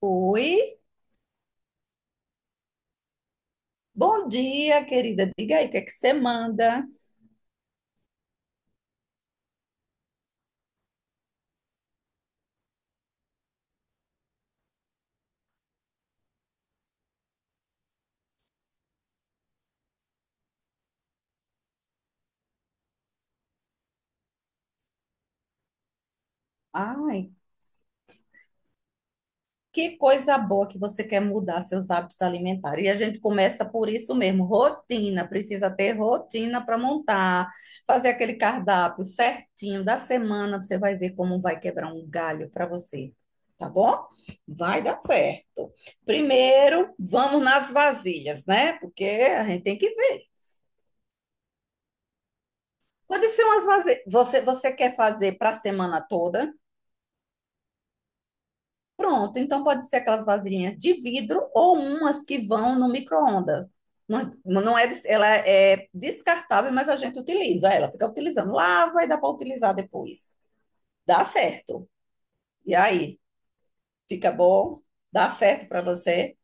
Oi, bom dia, querida. Diga aí, o que é que você manda? Ai, que coisa boa que você quer mudar seus hábitos alimentares. E a gente começa por isso mesmo, rotina. Precisa ter rotina para montar, fazer aquele cardápio certinho da semana. Você vai ver como vai quebrar um galho para você, tá bom? Vai dar certo. Primeiro, vamos nas vasilhas, né? Porque a gente tem que ver. Pode ser umas vasilhas. Você quer fazer para a semana toda? Pronto, então pode ser aquelas vasilhinhas de vidro ou umas que vão no micro-ondas. Não, é, não é, ela é descartável, mas a gente utiliza ela, fica utilizando. Lava e dá para utilizar depois. Dá certo. E aí, fica bom? Dá certo para você?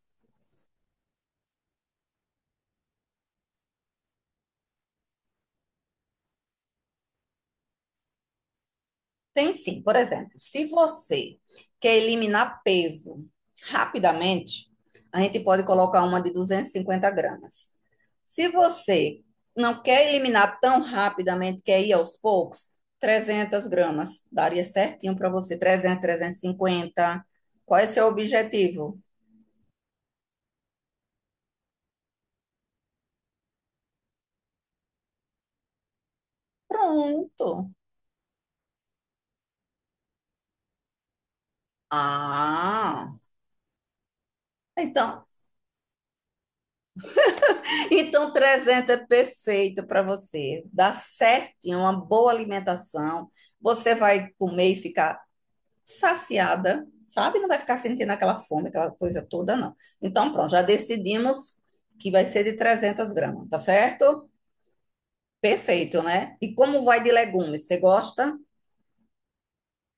Tem sim. Por exemplo, se você quer eliminar peso rapidamente, a gente pode colocar uma de 250 gramas. Se você não quer eliminar tão rapidamente, quer ir aos poucos, 300 gramas. Daria certinho para você. 300, 350. Qual é o seu objetivo? Pronto. Ah, então, então 300 é perfeito para você. Dá certinho, uma boa alimentação. Você vai comer e ficar saciada, sabe? Não vai ficar sentindo aquela fome, aquela coisa toda, não. Então, pronto, já decidimos que vai ser de 300 gramas, tá certo? Perfeito, né? E como vai de legumes? Você gosta?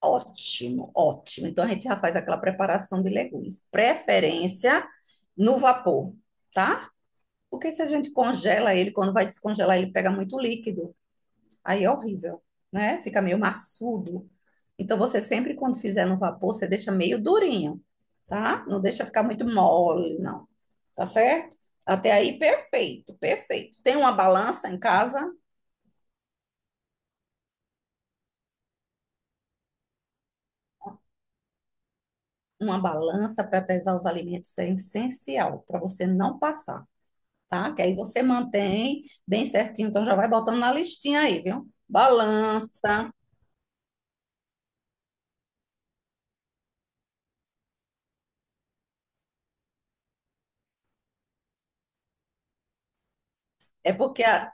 Ótimo, ótimo. Então, a gente já faz aquela preparação de legumes. Preferência no vapor, tá? Porque se a gente congela ele, quando vai descongelar, ele pega muito líquido. Aí é horrível, né? Fica meio maçudo. Então você sempre quando fizer no vapor, você deixa meio durinho, tá? Não deixa ficar muito mole, não. Tá certo? Até aí perfeito, perfeito. Tem uma balança em casa? Uma balança para pesar os alimentos é essencial para você não passar, tá? Que aí você mantém bem certinho, então já vai botando na listinha aí, viu? Balança. É porque a-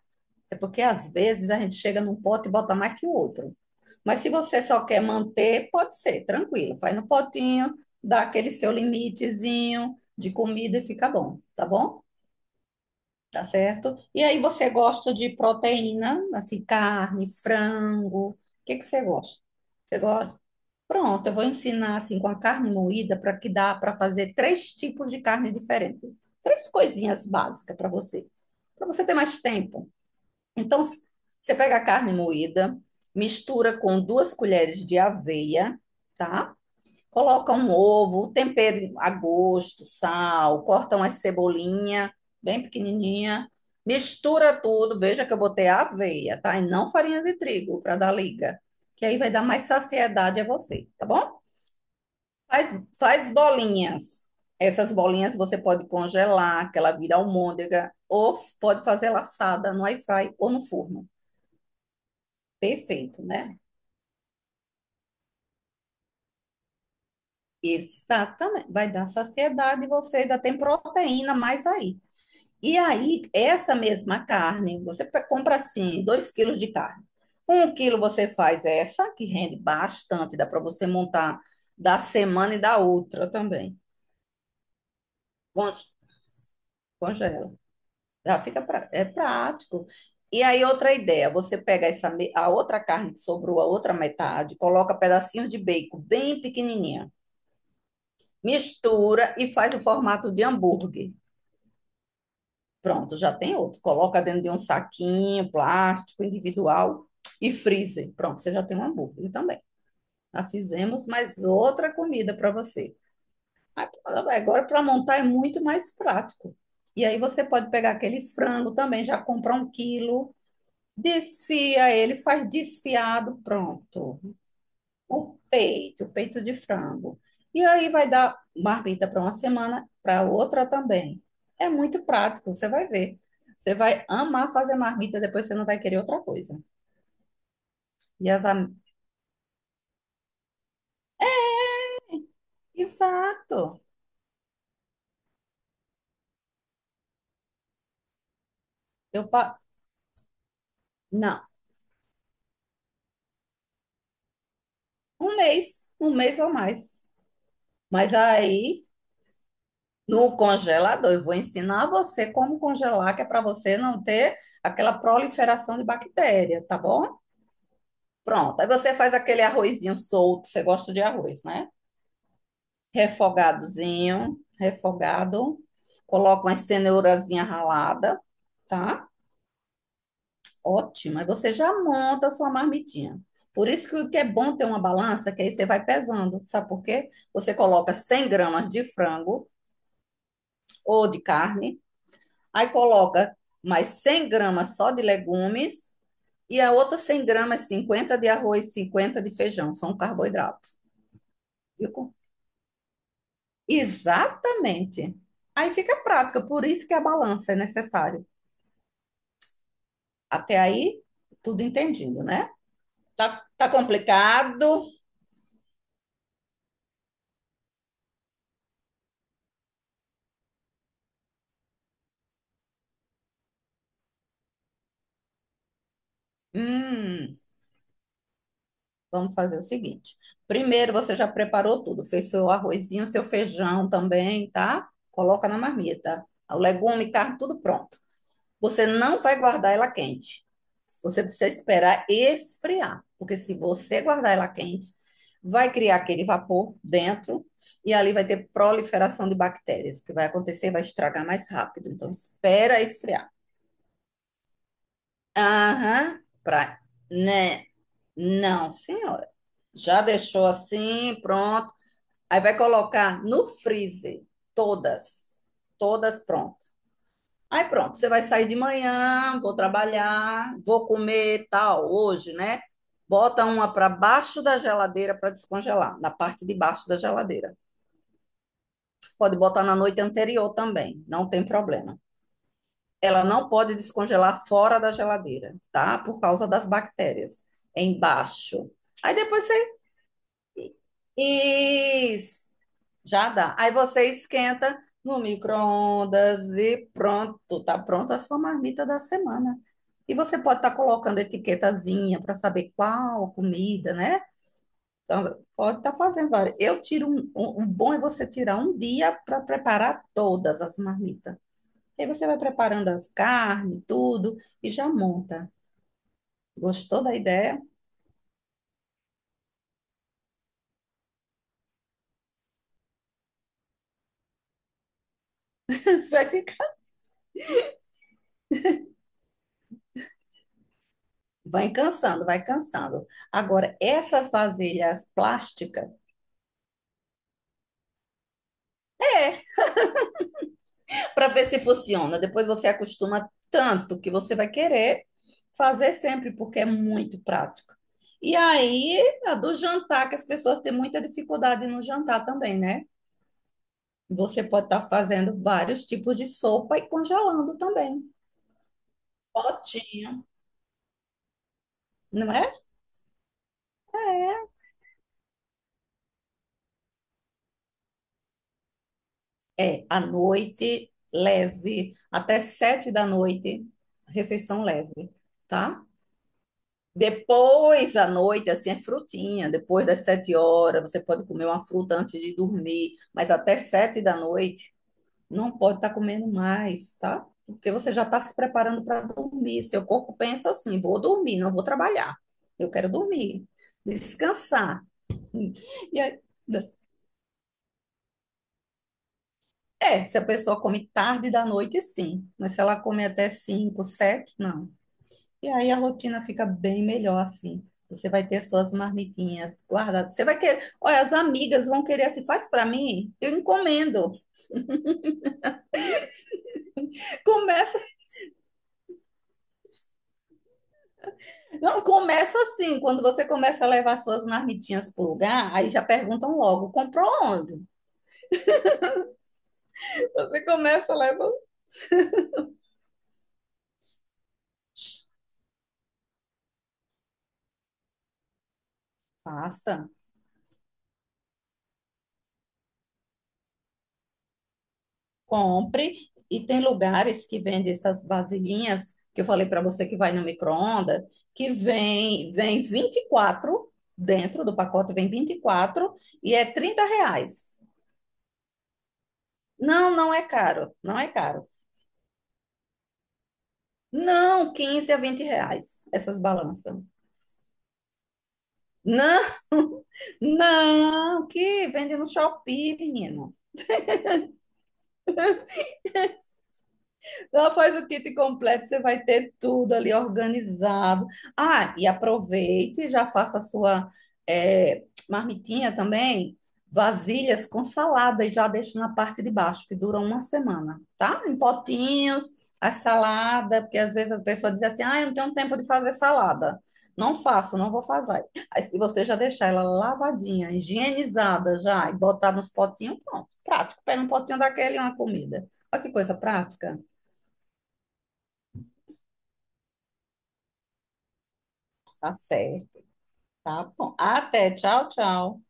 é porque às vezes a gente chega num pote e bota mais que o outro. Mas se você só quer manter, pode ser, tranquilo. Faz no potinho, dá aquele seu limitezinho de comida e fica bom? Tá certo? E aí você gosta de proteína, assim, carne, frango. O que que você gosta? Você gosta? Pronto, eu vou ensinar assim com a carne moída para que dá para fazer três tipos de carne diferentes. Três coisinhas básicas para você ter mais tempo. Então, você pega a carne moída, mistura com 2 colheres de aveia, tá? Coloca um ovo, tempero a gosto, sal, corta uma cebolinha bem pequenininha, mistura tudo. Veja que eu botei aveia, tá? E não farinha de trigo para dar liga, que aí vai dar mais saciedade a você, tá bom? Faz, faz bolinhas. Essas bolinhas você pode congelar, que ela vira almôndega, ou pode fazer laçada no air fry ou no forno. Perfeito, né? Exatamente. Vai dar saciedade e você ainda tem proteína mais aí. E aí, essa mesma carne, você compra assim, 2 quilos de carne. Um quilo você faz essa, que rende bastante, dá para você montar da semana e da outra também. Con- Congela. Já fica é prático. E aí, outra ideia, você pega essa, a outra carne que sobrou, a outra metade, coloca pedacinhos de bacon bem pequenininha mistura e faz o formato de hambúrguer. Pronto, já tem outro. Coloca dentro de um saquinho plástico individual e freezer. Pronto, você já tem um hambúrguer também. Já fizemos mais outra comida para você. Agora, para montar é muito mais prático. E aí você pode pegar aquele frango também, já comprar 1 quilo, desfia ele, faz desfiado, pronto. O peito, o peito de frango. E aí vai dar marmita para uma semana, para outra também. É muito prático, você vai ver. Você vai amar fazer marmita, depois você não vai querer outra coisa. E as am... Exato. Eu pa... Não, um mês ou mais. Mas aí, no congelador, eu vou ensinar você como congelar, que é para você não ter aquela proliferação de bactéria, tá bom? Pronto. Aí você faz aquele arrozinho solto, você gosta de arroz, né? Refogadozinho, refogado. Coloca uma cenourazinha ralada, tá? Ótimo. Aí você já monta a sua marmitinha. Por isso que o que é bom ter uma balança, que aí você vai pesando. Sabe por quê? Você coloca 100 gramas de frango ou de carne, aí coloca mais 100 gramas só de legumes e a outra 100 gramas, 50 de arroz, 50 de feijão. São carboidrato. Viu? Exatamente. Aí fica prática, por isso que a balança é necessária. Até aí, tudo entendido, né? Tá, tá complicado? Hum, vamos fazer o seguinte. Primeiro, você já preparou tudo, fez seu arrozinho, seu feijão também, tá? Coloca na marmita. O legume, carne, tudo pronto. Você não vai guardar ela quente. Você precisa esperar esfriar, porque se você guardar ela quente, vai criar aquele vapor dentro e ali vai ter proliferação de bactérias. O que vai acontecer vai estragar mais rápido. Então, espera esfriar. Aham, né? Não, senhora. Já deixou assim, pronto. Aí vai colocar no freezer todas, todas pronto. Aí pronto, você vai sair de manhã, vou trabalhar, vou comer tal hoje, né? Bota uma para baixo da geladeira para descongelar, na parte de baixo da geladeira. Pode botar na noite anterior também, não tem problema. Ela não pode descongelar fora da geladeira, tá? Por causa das bactérias. É embaixo. Aí depois você. Isso! Já dá. Aí você esquenta no micro-ondas e pronto. Tá pronta a sua marmita da semana. E você pode estar colocando etiquetazinha para saber qual comida, né? Então, pode estar fazendo várias. Eu tiro um, um, um bom é você tirar um dia para preparar todas as marmitas. E aí você vai preparando a carne, tudo, e já monta. Gostou da ideia? Vai ficar. Vai cansando, vai cansando. Agora, essas vasilhas plásticas, é para ver se funciona. Depois você acostuma tanto que você vai querer fazer sempre, porque é muito prático. E aí, a do jantar, que as pessoas têm muita dificuldade no jantar também, né? Você pode estar fazendo vários tipos de sopa e congelando também. Pote, não é? É. É, à noite, leve, até 7 da noite, refeição leve, tá? Depois, à noite, assim, é frutinha. Depois das 7 horas, você pode comer uma fruta antes de dormir, mas até 7 da noite, não pode estar comendo mais, tá? Porque você já está se preparando para dormir. Seu corpo pensa assim: vou dormir, não vou trabalhar. Eu quero dormir, descansar. E aí, é, se a pessoa come tarde da noite, sim. Mas se ela come até 5, 7, não. E aí a rotina fica bem melhor assim. Você vai ter suas marmitinhas guardadas. Você vai querer. Olha, as amigas vão querer assim, faz para mim? Eu encomendo. Começa, não começa assim. Quando você começa a levar suas marmitinhas pro lugar, aí já perguntam logo, comprou onde? Você começa a levar. Faça. Compre. E tem lugares que vendem essas vasilhinhas que eu falei para você que vai no micro-ondas, que vem 24 dentro do pacote, vem 24 e é R$ 30. Não, não é caro, não é caro. Não, R$ 15 a R$ 20 essas balanças. Não, não, que vende no Shopee, menina. Ela faz o kit completo, você vai ter tudo ali organizado. Ah, e aproveite, já faça a sua é, marmitinha também, vasilhas com salada e já deixa na parte de baixo, que dura uma semana, tá? Em potinhos, a salada, porque às vezes a pessoa diz assim, ah, eu não tenho tempo de fazer salada. Não faço, não vou fazer. Aí se você já deixar ela lavadinha, higienizada já, e botar nos potinhos, pronto. Prático, pega um potinho daquele e uma comida. Olha que coisa prática. Tá certo. Tá bom. Até. Tchau, tchau.